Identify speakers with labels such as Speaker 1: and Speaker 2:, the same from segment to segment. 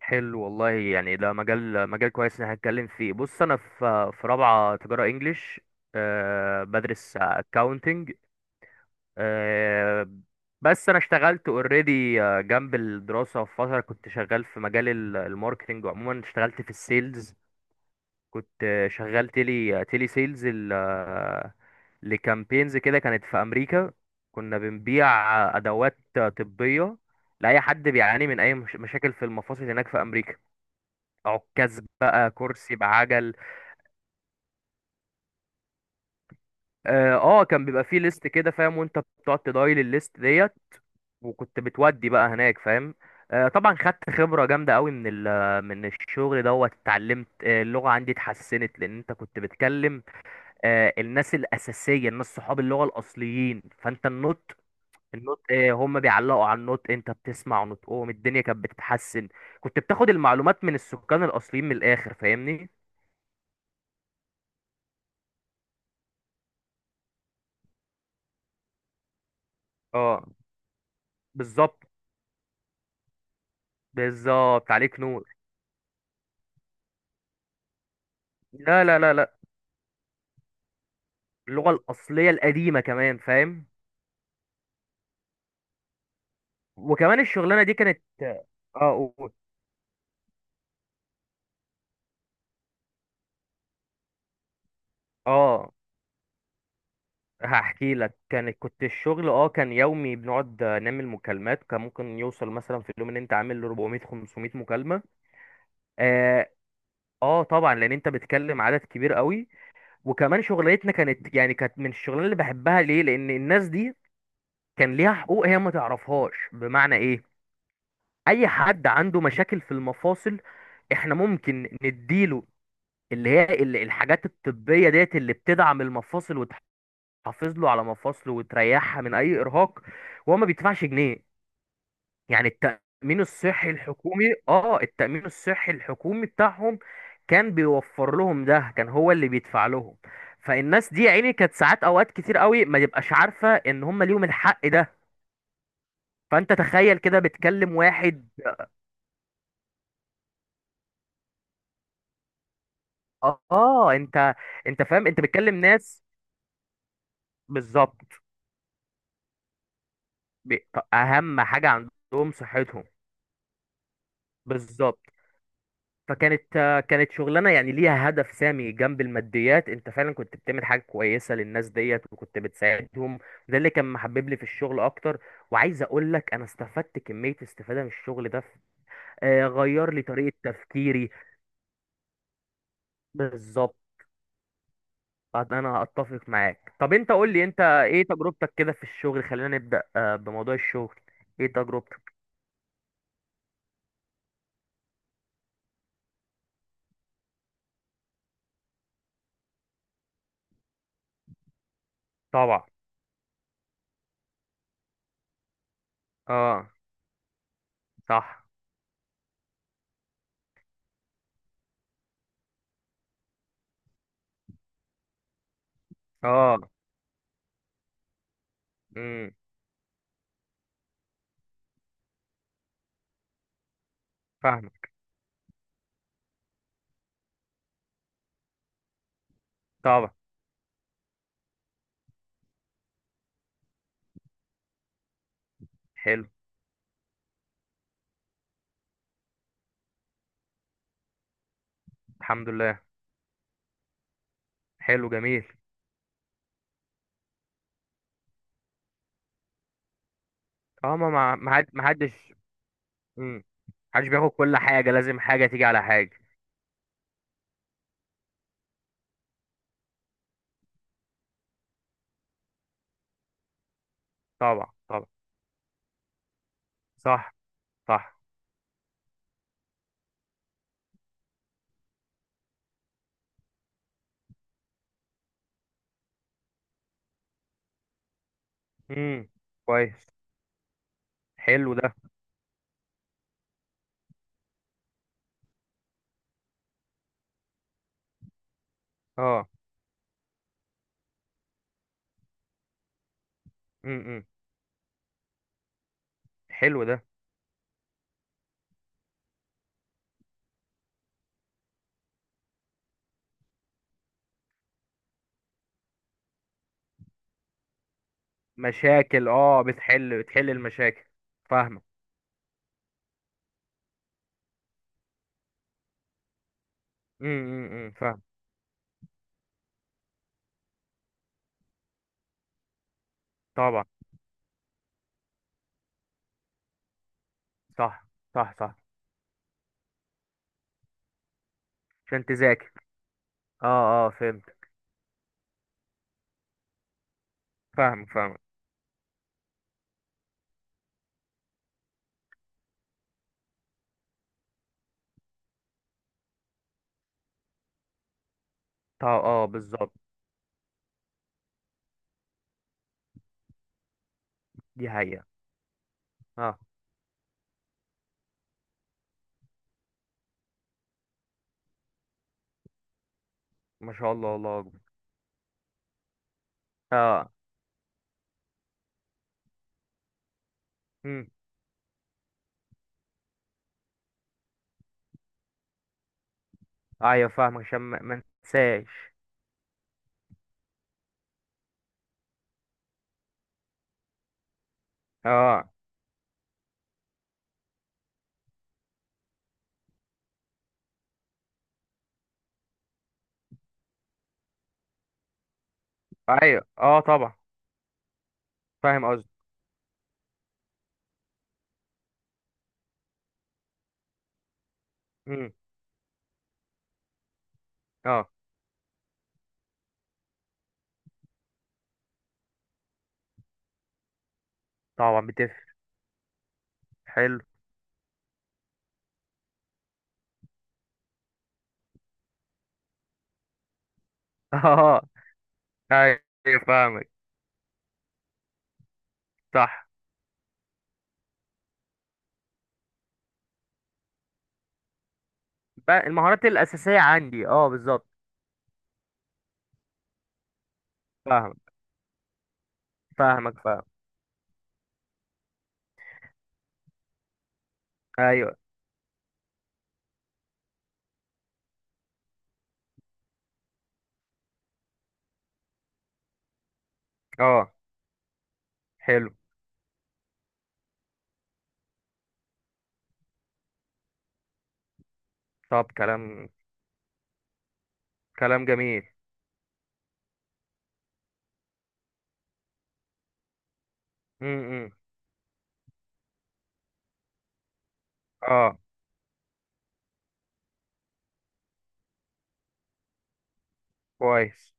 Speaker 1: حلو والله، يعني ده مجال مجال كويس ان هنتكلم فيه. بص، انا في رابعه تجاره انجليش. أه، بدرس اكاونتنج. أه، بس انا اشتغلت اوريدي جنب الدراسه، في فتره كنت شغال في مجال الماركتينج. عموما اشتغلت في السيلز. كنت شغال تيلي سيلز لكامبينز كده، كانت في امريكا. كنا بنبيع ادوات طبيه لاي حد بيعاني من اي مشاكل في المفاصل هناك في امريكا. عكاز بقى، كرسي بعجل. اه، كان بيبقى فيه ليست كده، فاهم؟ وانت بتقعد تدايل الليست ديت، وكنت بتودي بقى هناك، فاهم؟ طبعا خدت خبرة جامدة قوي من من الشغل دوت. اتعلمت، اللغة عندي اتحسنت لأن أنت كنت بتكلم الناس الأساسية، الناس صحاب اللغة الأصليين. فأنت النطق، النطق، هم بيعلقوا على النطق، أنت بتسمع نطقهم، الدنيا كانت بتتحسن. كنت بتاخد المعلومات من السكان الأصليين من الآخر، فاهمني؟ اه، بالظبط. بالظبط، عليك نور. لا، لا، لا، لا، اللغة الأصلية القديمة كمان، فاهم. وكمان الشغلانة دي كانت، اه قول. اه، هحكي لك. كنت الشغل، اه، كان يومي. بنقعد نعمل مكالمات، كان ممكن يوصل مثلا في اليوم ان انت عامل 400 500 مكالمة. اه. اه، طبعا لان انت بتكلم عدد كبير قوي. وكمان شغلتنا كانت، يعني كانت من الشغلانه اللي بحبها، ليه؟ لان الناس دي كان ليها حقوق هي ما تعرفهاش. بمعنى ايه؟ اي حد عنده مشاكل في المفاصل، احنا ممكن نديله اللي هي الحاجات الطبية ديت اللي بتدعم المفاصل وتحافظ له على مفاصله وتريحها من اي ارهاق، وهو ما بيدفعش جنيه. يعني التأمين الصحي الحكومي، اه التأمين الصحي الحكومي بتاعهم كان بيوفر لهم ده، كان هو اللي بيدفع لهم. فالناس دي يا عيني كانت ساعات، اوقات كتير قوي ما تبقاش عارفة ان هم ليهم الحق ده. فانت تخيل كده بتكلم واحد. اه، انت، انت فاهم، انت بتكلم ناس. بالظبط، ب- اهم حاجه عندهم صحتهم. بالظبط. فكانت آه، كانت شغلانه يعني ليها هدف سامي جنب الماديات. انت فعلا كنت بتعمل حاجه كويسه للناس ديت، وكنت بتساعدهم. ده اللي كان محبب لي في الشغل اكتر. وعايز اقول لك انا استفدت كميه استفاده من الشغل ده، غير لي طريقه تفكيري. بالظبط. انا اتفق معاك. طب انت قول لي، انت ايه تجربتك كده في الشغل؟ خلينا نبدأ بموضوع الشغل. ايه تجربتك؟ طبعا. اه. صح. اه. امم. فاهمك. طبعا. حلو. الحمد لله. حلو، جميل. اه، ما حدش. امم. حدش بياخد كل حاجة، لازم حاجة تيجي على حاجة. طبعا، طبعا. صح، صح. امم. كويس. حلو ده. اه. امم، إمم. حلو ده. مشاكل، اه. بتحل بتحل المشاكل. فاهمك. امم، امم، إمم، فاهم. طبعا. صح، صح، صح. عشان تذاكر. اه، اه، فهمت. فاهم، فاهم. طب، اه بالظبط. دي حقيقة. اه. ما شاء الله، الله اكبر. اه. امم. ايوه، فاهم، عشان ما ما انساش. اه، ايوه، اه طبعا. فاهم قصدي. امم. اه، طبعا بتفرق. حلو. اه. ايوه، فاهمك. صح. بقى المهارات الأساسية عندي، اه، بالظبط. فاهمك. فاهمك، فاهم. ايوه، اه. حلو. طب كلام، كلام جميل. امم. اه، كويس.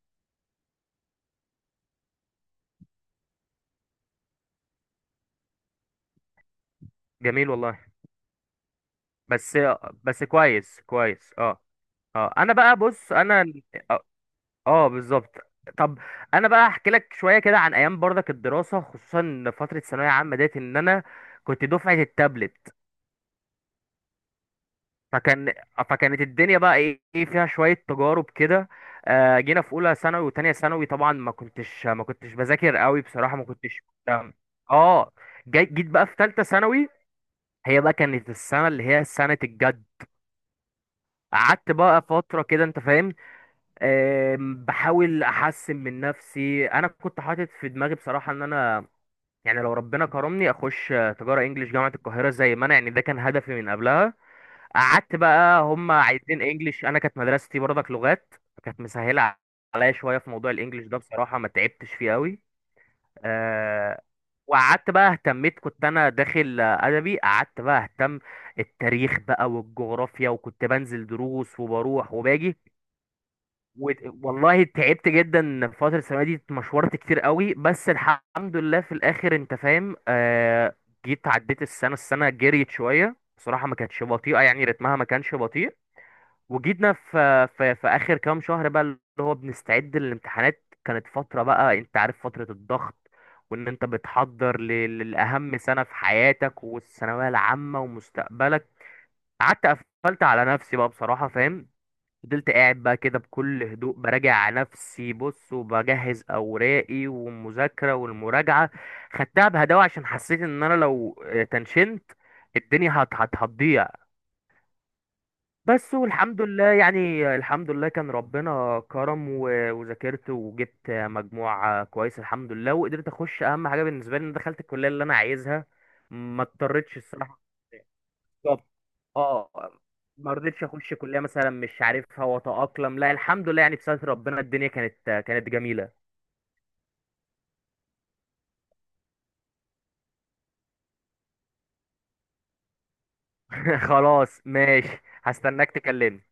Speaker 1: جميل والله. بس، بس كويس، كويس. اه. اه، انا بقى. بص انا اه بالظبط. طب انا بقى احكي لك شويه كده عن ايام برضك الدراسه، خصوصا فتره ثانويه عامه ديت. ان انا كنت دفعه التابلت. فكان فكانت الدنيا بقى، ايه إيه فيها شويه تجارب كده. جينا في اولى ثانوي وتانية ثانوي، طبعا ما كنتش بذاكر قوي، بصراحه ما كنتش مهتم. اه. جيت بقى في ثالثه ثانوي، هي بقى كانت السنه اللي هي سنه الجد. قعدت بقى فترة كده، انت فاهم، بحاول احسن من نفسي. انا كنت حاطط في دماغي بصراحه ان انا، يعني لو ربنا كرمني، اخش تجاره انجليش جامعه القاهره، زي ما انا يعني، ده كان هدفي من قبلها. قعدت بقى، هم عايزين انجليش، انا كانت مدرستي برضك لغات، كانت مسهله عليا شويه في موضوع الانجليش ده، بصراحه ما تعبتش فيه قوي. أه. وقعدت بقى اهتميت، كنت انا داخل ادبي. قعدت بقى اهتم التاريخ بقى والجغرافيا، وكنت بنزل دروس وبروح وباجي و... والله تعبت جدا في فترة الثانوية دي، اتمشورت كتير قوي، بس الحمد لله في الآخر، أنت فاهم، آه. جيت عديت السنة السنة جريت شوية بصراحة، ما كانتش بطيئة يعني، رتمها ما كانش بطيء. وجيتنا في, آخر كام شهر بقى، اللي هو بنستعد للامتحانات. كانت فترة بقى، أنت عارف، فترة الضغط، وإن أنت بتحضر لأهم سنة في حياتك، والثانوية العامة ومستقبلك. قعدت قفلت على نفسي بقى، بصراحة، فاهم. فضلت قاعد بقى كده بكل هدوء، براجع على نفسي، بص، وبجهز اوراقي والمذاكره والمراجعه. خدتها بهداوه عشان حسيت ان انا لو تنشنت الدنيا هتضيع. بس والحمد لله، يعني الحمد لله كان ربنا كرم وذاكرت وجبت مجموع كويس الحمد لله، وقدرت اخش اهم حاجه بالنسبه لي، ان دخلت الكليه اللي انا عايزها. ما اضطرتش الصراحه. بالظبط. اه. ما رضيتش اخش كليه مثلا مش عارفها واتاقلم، لا الحمد لله يعني، بستر ربنا، الدنيا كانت، كانت جميله. خلاص، ماشي. هستناك تكلمني.